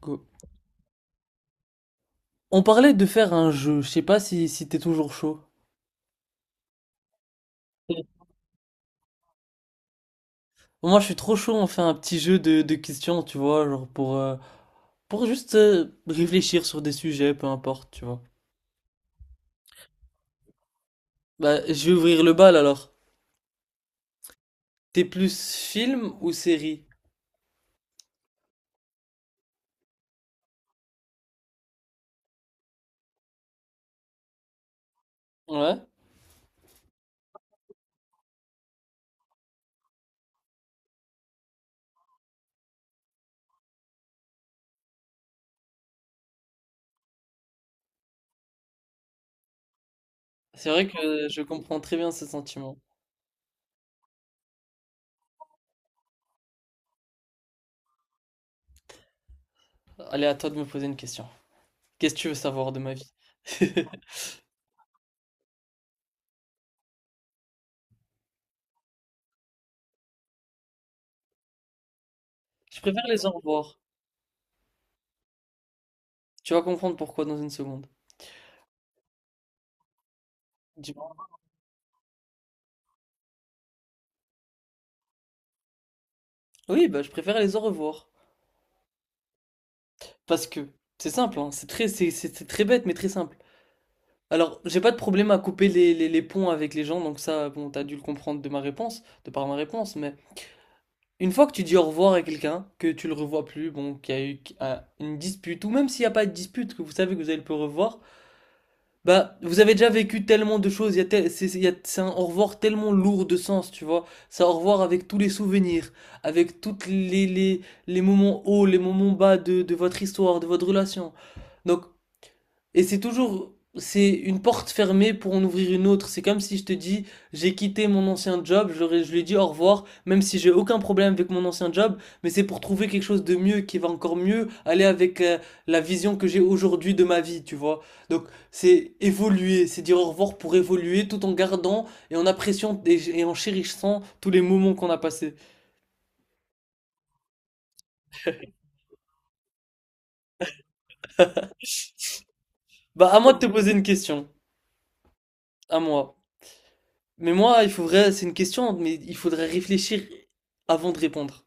Co- On parlait de faire un jeu, je sais pas si t'es toujours chaud. Moi je suis trop chaud, on fait un petit jeu de questions, tu vois, genre pour juste réfléchir sur des sujets, peu importe, tu vois. Bah je vais ouvrir le bal alors. T'es plus film ou série? Ouais, c'est vrai que je comprends très bien ce sentiment. Allez, à toi de me poser une question. Qu'est-ce que tu veux savoir de ma vie? Je préfère les au revoir. Tu vas comprendre pourquoi dans une seconde. Dis-moi. Oui, bah je préfère les au revoir. Parce que c'est simple, hein, c'est très bête, mais très simple. Alors, j'ai pas de problème à couper les ponts avec les gens, donc ça, bon, t'as dû le comprendre de ma réponse, de par ma réponse, mais une fois que tu dis au revoir à quelqu'un, que tu le revois plus, bon, qu'il y a eu une dispute, ou même s'il n'y a pas de dispute, que vous savez que vous allez le revoir, bah, vous avez déjà vécu tellement de choses, il y a tel- c'est- il y a- c'est un au revoir tellement lourd de sens, tu vois. C'est un au revoir avec tous les souvenirs, avec les moments hauts, les moments bas de votre histoire, de votre relation. Donc, et c'est toujours, c'est une porte fermée pour en ouvrir une autre. C'est comme si je te dis, j'ai quitté mon ancien job, je lui ai dit au revoir, même si j'ai aucun problème avec mon ancien job, mais c'est pour trouver quelque chose de mieux qui va encore mieux aller avec la vision que j'ai aujourd'hui de ma vie, tu vois. Donc c'est évoluer, c'est dire au revoir pour évoluer tout en gardant et en appréciant et en chérissant tous les moments qu'on a passés. Bah à moi de te poser une question, à moi. Mais moi, il faudrait, c'est une question, mais il faudrait réfléchir avant de répondre.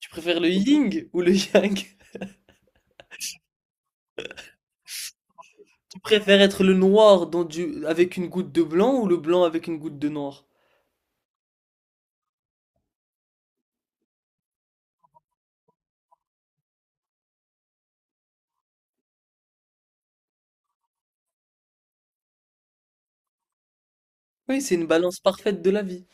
Tu préfères le yin ou le yang? Tu préfères être le noir dans du... avec une goutte de blanc ou le blanc avec une goutte de noir? Oui, c'est une balance parfaite de la vie.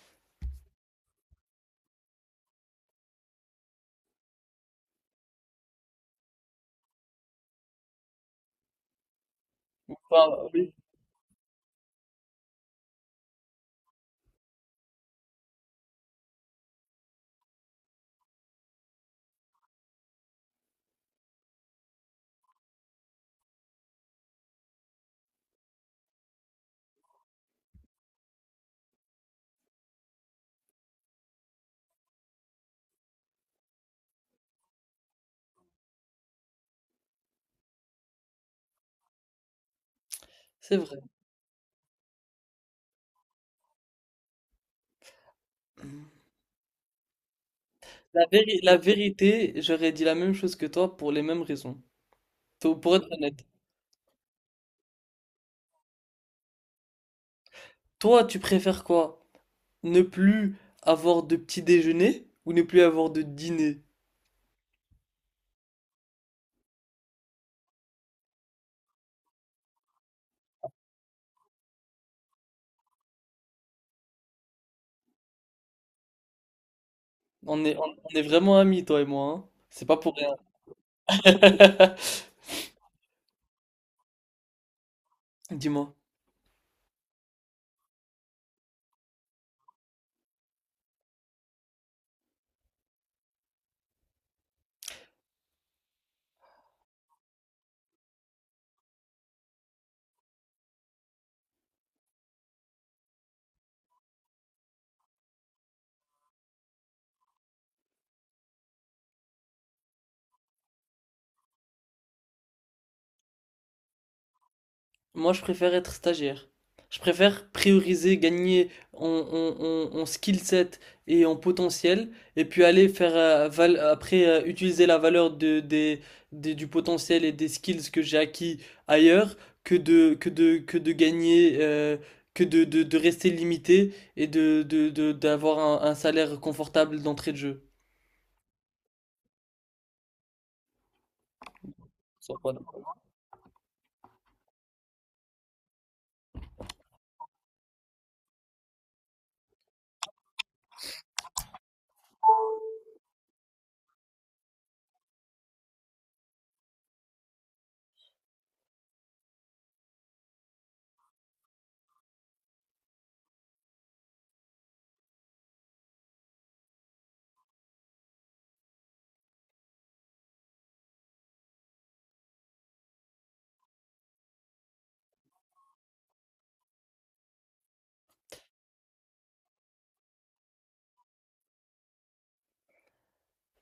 Bah, oui, c'est vrai. La vérité, j'aurais dit la même chose que toi pour les mêmes raisons. Pour être honnête. Toi, tu préfères quoi? Ne plus avoir de petit déjeuner ou ne plus avoir de dîner? On est vraiment amis, toi et moi, hein. C'est pas pour rien. Dis-moi. Moi, je préfère être stagiaire. Je préfère prioriser, gagner en, en- en- en skill set et en potentiel, et puis aller faire val- après utiliser la valeur du potentiel et des skills que j'ai acquis ailleurs, que de gagner, de rester limité et d'avoir un salaire confortable d'entrée de jeu. Ça, voilà.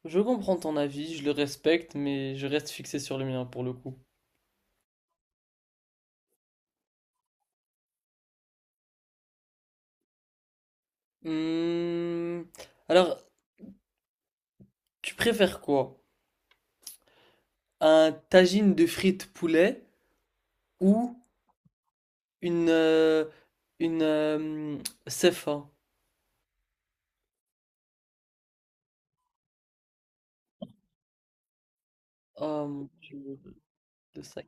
Je comprends ton avis, je le respecte, mais je reste fixé sur le mien pour le coup. Hmm. Alors, tu préfères quoi? Un tagine de frites poulet ou une euh, une CFA? Oh mon Dieu, le sac.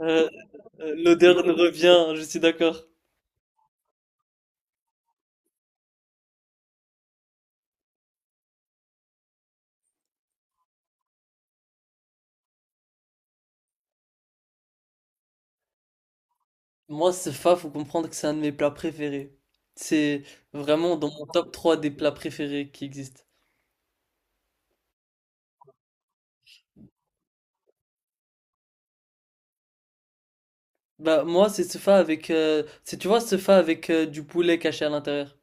Euh, L'odeur nous revient, je suis d'accord. Moi, CFA, faut comprendre que c'est un de mes plats préférés. C'est vraiment dans mon top 3 des plats préférés qui existent. Bah moi, c'est CFA avec c'est tu vois CFA avec du poulet caché à l'intérieur.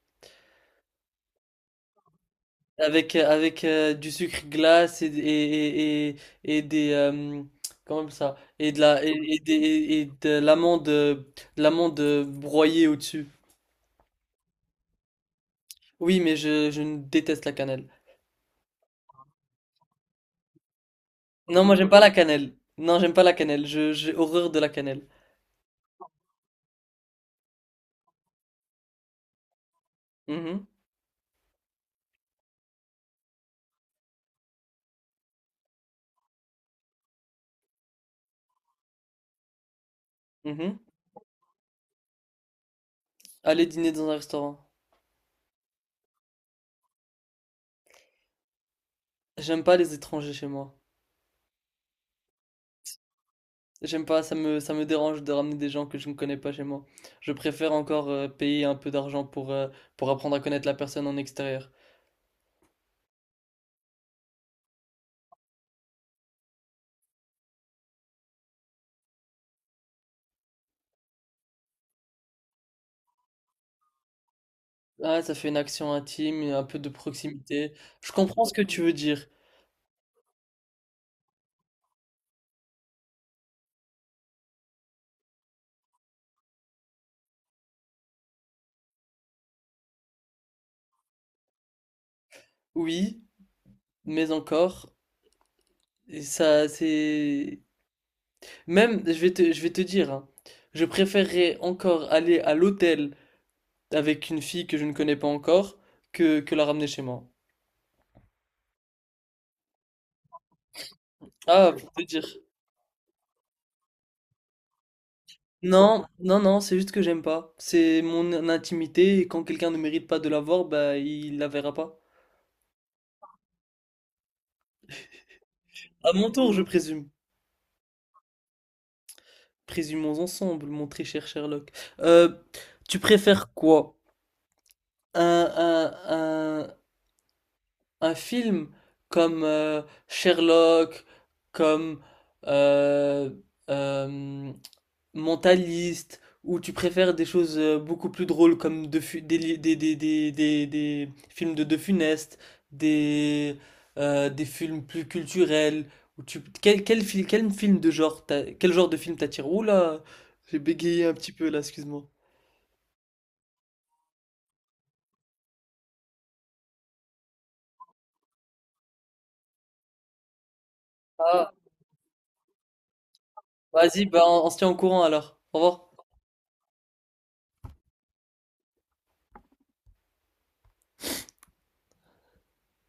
Avec, avec du sucre glace et des comment on appelle ça? Et de la et de l'amande broyée au-dessus. Oui, mais je ne déteste la cannelle. Non, moi j'aime pas la cannelle. Non, j'aime pas la cannelle. J'ai horreur de la cannelle. Mhm, mhm. Aller dîner dans un restaurant. J'aime pas les étrangers chez moi. J'aime pas, ça me dérange de ramener des gens que je ne connais pas chez moi. Je préfère encore payer un peu d'argent pour apprendre à connaître la personne en extérieur. Ah, ça fait une action intime et un peu de proximité. Je comprends ce que tu veux dire. Oui, mais encore, et ça, c'est... Même, je vais te dire, hein, je préférerais encore aller à l'hôtel avec une fille que je ne connais pas encore que la ramener chez moi. Ah, pour te dire. Non, non, non, c'est juste que j'aime pas. C'est mon intimité et quand quelqu'un ne mérite pas de l'avoir, bah, il la verra pas. À mon tour, je présume. Présumons ensemble, mon très cher Sherlock. Euh, tu préfères quoi? un, un, un- un film comme Sherlock, comme euh, euh, Mentalist, ou tu préfères des choses beaucoup plus drôles comme De Fu- des, li- des films de De Funeste, des, des films plus culturels, ou tu, quel, quel, fil- quel film de genre t'a- quel genre de film t'attire? Oula, j'ai bégayé un petit peu là, excuse-moi. Ah, vas-y, bah, on se tient au courant alors. Au revoir.